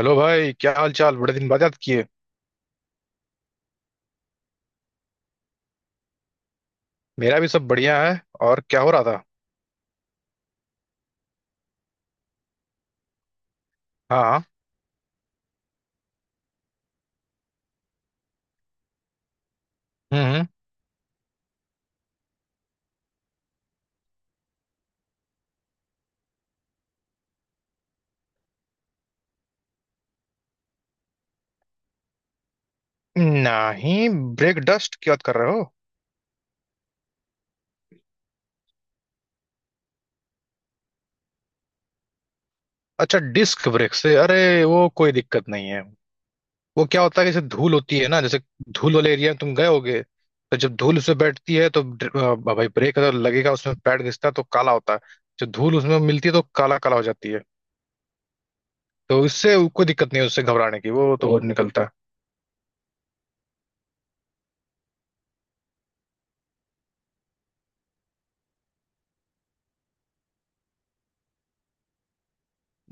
Hello भाई, क्या हाल चाल? बड़े दिन बाद याद किए। मेरा भी सब बढ़िया है। और क्या हो रहा था? हाँ। हम्म। नहीं। ब्रेक डस्ट की बात कर रहे हो? अच्छा, डिस्क ब्रेक से? अरे, वो कोई दिक्कत नहीं है। वो क्या होता है कि जैसे धूल होती है ना, जैसे धूल वाले एरिया में तुम गए होगे, तो जब धूल उसमें बैठती है तो भाई ब्रेक अगर लगेगा उसमें पैड घिसता है तो काला होता है। जो धूल उसमें मिलती है तो काला काला हो जाती है। तो इससे कोई दिक्कत नहीं है, उससे घबराने की, वो तो निकलता है।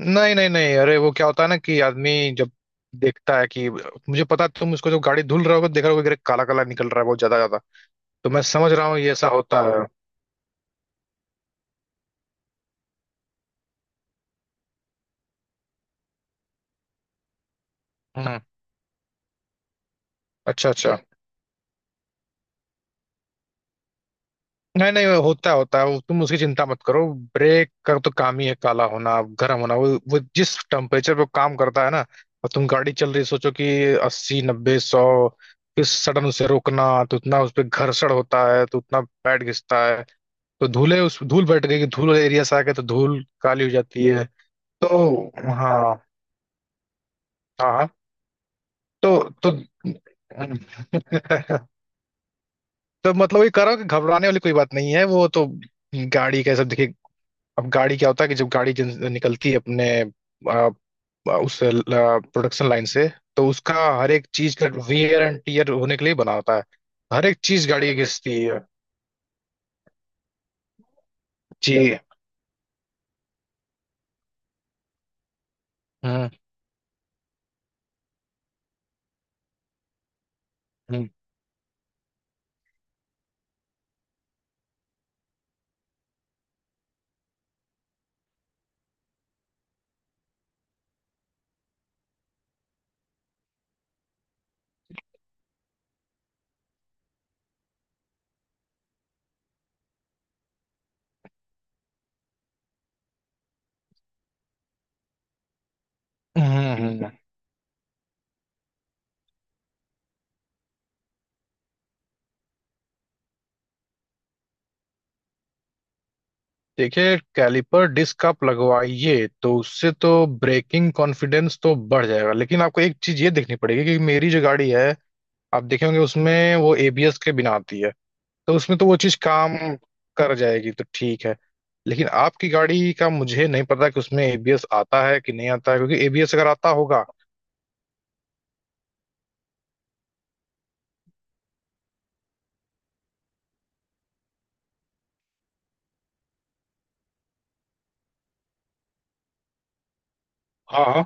नहीं नहीं नहीं, अरे वो क्या होता है ना कि आदमी जब देखता है कि मुझे पता है, तुम उसको जो गाड़ी धुल रहे होगे देख रहे होगे, काला काला निकल रहा है बहुत ज्यादा ज्यादा, तो मैं समझ रहा हूँ ये ऐसा होता है। हम्म। अच्छा अच्छा। नहीं नहीं, वो होता है होता है, वो तुम उसकी चिंता मत करो। ब्रेक का तो काम ही है काला होना, गर्म होना। वो जिस टेम्परेचर पे काम करता है ना। और तुम गाड़ी चल रही है, सोचो कि 80, 90, 100, फिर सडन उसे रोकना, तो उतना उस पर घर्षण होता है तो उतना पैड घिसता है। तो धूले उस धूल बैठ गई कि धूल वाले एरिया से आ गए तो धूल काली हो जाती है। तो, हाँ हाँ। तो तो तो मतलब ये कह रहा हूँ कि घबराने वाली कोई बात नहीं है वो तो। गाड़ी का ये सब देखिए। अब गाड़ी क्या होता है कि जब गाड़ी निकलती है अपने आ, आ, उस प्रोडक्शन लाइन से, तो उसका हर एक चीज का वेयर एंड टीयर होने के लिए बना होता है। हर एक चीज गाड़ी की घिसती है। जी। हम्म हम्म हम्म। देखिए, कैलिपर डिस्क आप लगवाइए तो उससे तो ब्रेकिंग कॉन्फिडेंस तो बढ़ जाएगा, लेकिन आपको एक चीज ये देखनी पड़ेगी कि मेरी जो गाड़ी है, आप देखेंगे उसमें वो एबीएस के बिना आती है, तो उसमें तो वो चीज काम कर जाएगी तो ठीक है। लेकिन आपकी गाड़ी का मुझे नहीं पता कि उसमें एबीएस आता है कि नहीं आता है, क्योंकि एबीएस अगर आता होगा। हाँ हाँ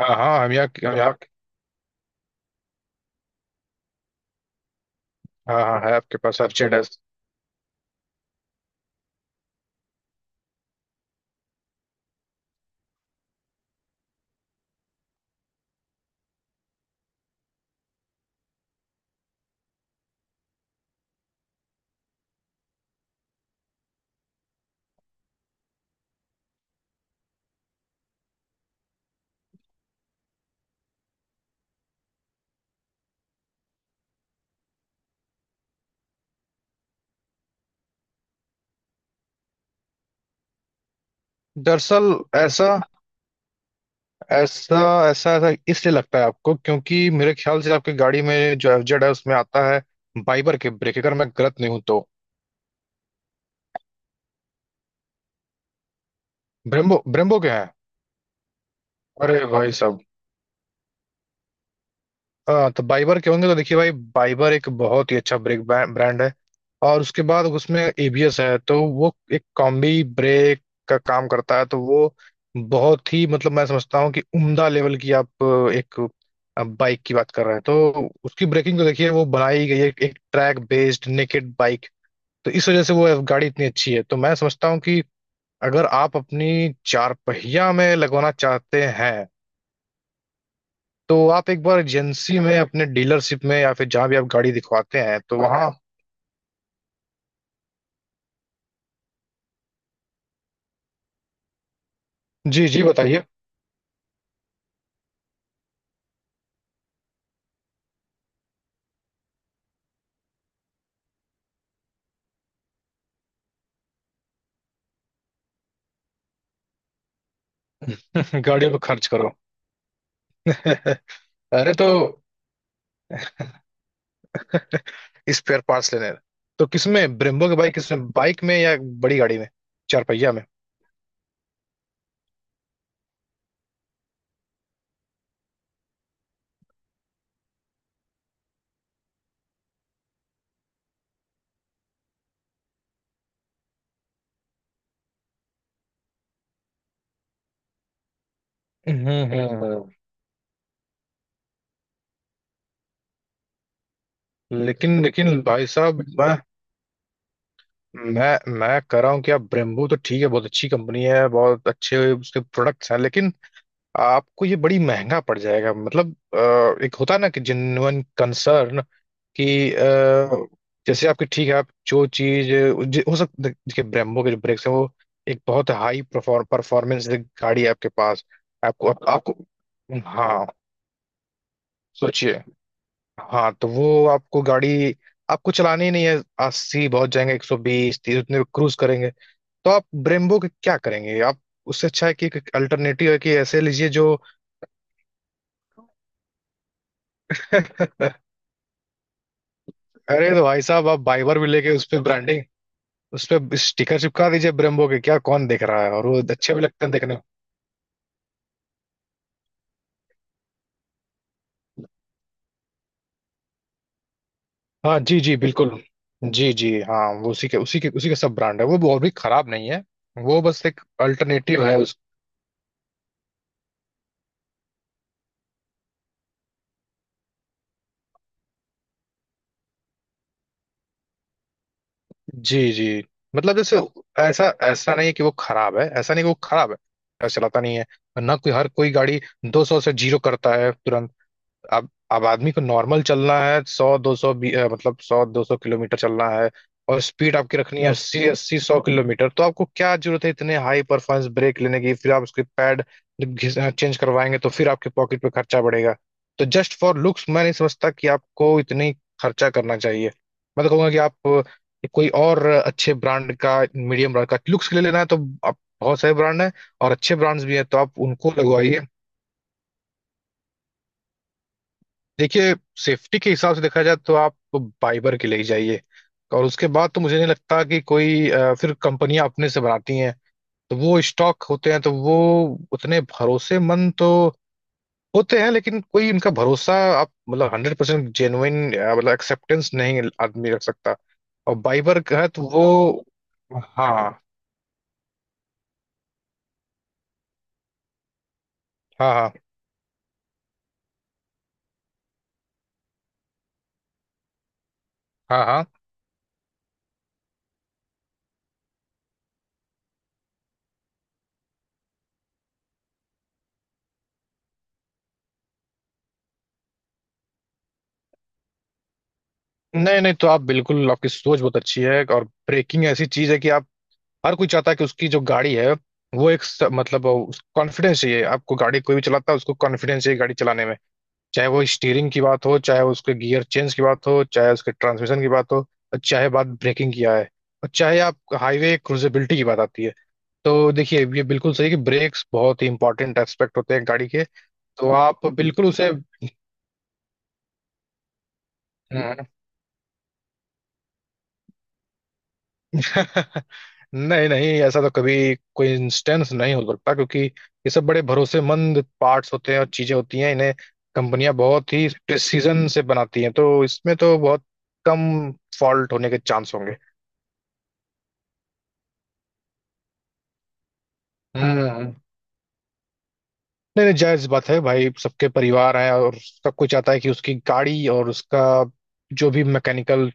हाँ हाँ, हम यहाँ, हाँ हाँ, है आपके पास एफजेड। दरअसल ऐसा ऐसा ऐसा ऐसा इसलिए लगता है आपको, क्योंकि मेरे ख्याल से आपकी गाड़ी में जो एफजेड है उसमें आता है, बाइबर के ब्रेक, अगर मैं गलत नहीं हूं तो। ब्रेम्बो ब्रेम्बो के हैं। अरे भाई साहब। हाँ तो बाइबर के होंगे तो देखिए भाई, बाइबर एक बहुत ही अच्छा ब्रेक ब्रांड है, और उसके बाद उसमें एबीएस है तो वो एक कॉम्बी ब्रेक का काम करता है, तो वो बहुत ही, मतलब मैं समझता हूँ कि उम्दा लेवल की आप एक बाइक की बात कर रहे हैं, तो उसकी ब्रेकिंग तो देखिए, वो बनाई गई है एक ट्रैक बेस्ड नेकेड बाइक। तो इस वजह से वो गाड़ी इतनी अच्छी है, तो मैं समझता हूँ कि अगर आप अपनी चार पहिया में लगवाना चाहते हैं, तो आप एक बार एजेंसी में, अपने डीलरशिप में, या फिर जहां भी आप गाड़ी दिखवाते हैं तो वहाँ। जी जी, बताइए। गाड़ियों पे खर्च करो। अरे तो स्पेयर पार्ट्स लेने, तो किसमें ब्रेम्बो के? बाइक किसमें? बाइक में या बड़ी गाड़ी में? चार पहिया में। हम्म हम्म हम्म। लेकिन लेकिन भाई साहब, मैं कह रहा हूँ कि आप ब्रेम्बू तो ठीक है, बहुत अच्छी कंपनी है, बहुत अच्छे उसके प्रोडक्ट्स हैं, लेकिन आपको ये बड़ी महंगा पड़ जाएगा, मतलब एक होता है ना कि जेन्युइन कंसर्न, कि अ, जैसे आपकी ठीक है, आप जो चीज हो सकता है, देखिए ब्रेम्बो के जो ब्रेक्स हैं वो एक बहुत हाई परफॉर्मेंस गाड़ी है आपके पास। आपको। हाँ, सोचिए, हाँ तो वो आपको गाड़ी आपको चलानी ही नहीं है। अस्सी बहुत जाएंगे, 120, 130 उतने क्रूज करेंगे, तो आप ब्रेम्बो के क्या करेंगे? आप, उससे अच्छा है कि अल्टरनेटिव है कि ऐसे लीजिए जो अरे तो भाई साहब, आप बाइबर भी लेके उस पे ब्रांडिंग, उस पे स्टिकर चिपका दीजिए ब्रेम्बो के, क्या कौन देख रहा है, और वो अच्छे भी लगते हैं देखने में। हाँ जी जी, बिल्कुल। जी जी, हाँ वो उसी के सब ब्रांड है, वो और भी खराब नहीं है। वो बस एक अल्टरनेटिव है उस। जी जी। मतलब जैसे ऐसा ऐसा नहीं है कि वो खराब है, ऐसा नहीं कि वो खराब है। ऐसा चलाता नहीं है ना कोई, हर कोई गाड़ी 200 से जीरो करता है तुरंत। अब आदमी को नॉर्मल चलना है, सौ दो सौ, मतलब 100-200 किलोमीटर चलना है, और स्पीड आपकी रखनी है 80, 80-100 किलोमीटर, तो आपको क्या जरूरत है इतने हाई परफॉर्मेंस ब्रेक लेने की? फिर आप उसके पैड जब चेंज करवाएंगे तो फिर आपके पॉकेट पे खर्चा बढ़ेगा। तो जस्ट फॉर लुक्स मैं नहीं समझता कि आपको इतनी खर्चा करना चाहिए। मैं तो कहूंगा कि आप कोई और अच्छे ब्रांड का, मीडियम ब्रांड का, लुक्स के लिए लेना है तो आप बहुत सारे ब्रांड है, और अच्छे ब्रांड्स भी हैं तो आप उनको लगवाइए। देखिए, सेफ्टी के हिसाब से देखा जाए तो आप बाइबर के ले ही जाइए, और उसके बाद तो मुझे नहीं लगता कि कोई फिर कंपनियां अपने से बनाती हैं तो वो स्टॉक होते हैं, तो वो उतने भरोसेमंद तो होते हैं, लेकिन कोई उनका भरोसा, आप मतलब 100% जेन्युइन मतलब एक्सेप्टेंस नहीं आदमी रख सकता। और बाइबर का है तो वो। हाँ हाँ हाँ हाँ हाँ। नहीं नहीं, तो आप बिल्कुल, आपकी सोच बहुत अच्छी है, और ब्रेकिंग ऐसी चीज है कि हर कोई चाहता है कि उसकी जो गाड़ी है वो एक मतलब कॉन्फिडेंस चाहिए, आपको, गाड़ी कोई भी चलाता है उसको कॉन्फिडेंस चाहिए गाड़ी चलाने में, चाहे वो स्टीयरिंग की बात हो, चाहे उसके गियर चेंज की बात हो, चाहे उसके ट्रांसमिशन की बात हो, और चाहे बात ब्रेकिंग की आए, और चाहे आप हाईवे क्रूजेबिलिटी की बात आती है। तो देखिए, ये बिल्कुल सही कि ब्रेक्स बहुत ही इंपॉर्टेंट एस्पेक्ट होते हैं गाड़ी के, तो आप बिल्कुल उसे नहीं नहीं, ऐसा तो कभी कोई इंस्टेंस नहीं हो सकता, क्योंकि ये सब बड़े भरोसेमंद पार्ट्स होते हैं और चीजें होती हैं, इन्हें कंपनियां बहुत ही प्रिसीजन से बनाती हैं, तो इसमें तो बहुत कम फॉल्ट होने के चांस होंगे। हम्म। नहीं नहीं, जायज बात है भाई, सबके परिवार हैं, और सब कोई चाहता है कि उसकी गाड़ी और उसका जो भी मैकेनिकल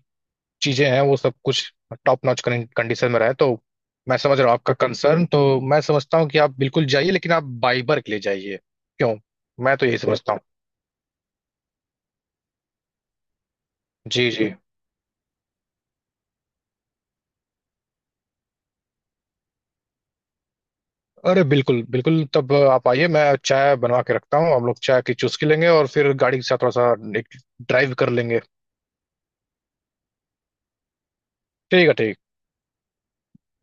चीजें हैं वो सब कुछ टॉप नॉच कंडीशन में रहे, तो मैं समझ रहा हूँ आपका कंसर्न, तो मैं समझता हूँ कि आप बिल्कुल जाइए, लेकिन आप बाइबर के लिए जाइए, क्यों, मैं तो यही समझता हूँ। जी जी। अरे बिल्कुल बिल्कुल, तब आप आइए, मैं चाय बनवा के रखता हूँ, हम लोग चाय की चुस्की लेंगे और फिर गाड़ी के साथ थोड़ा सा ड्राइव कर लेंगे। ठीक है ठीक है।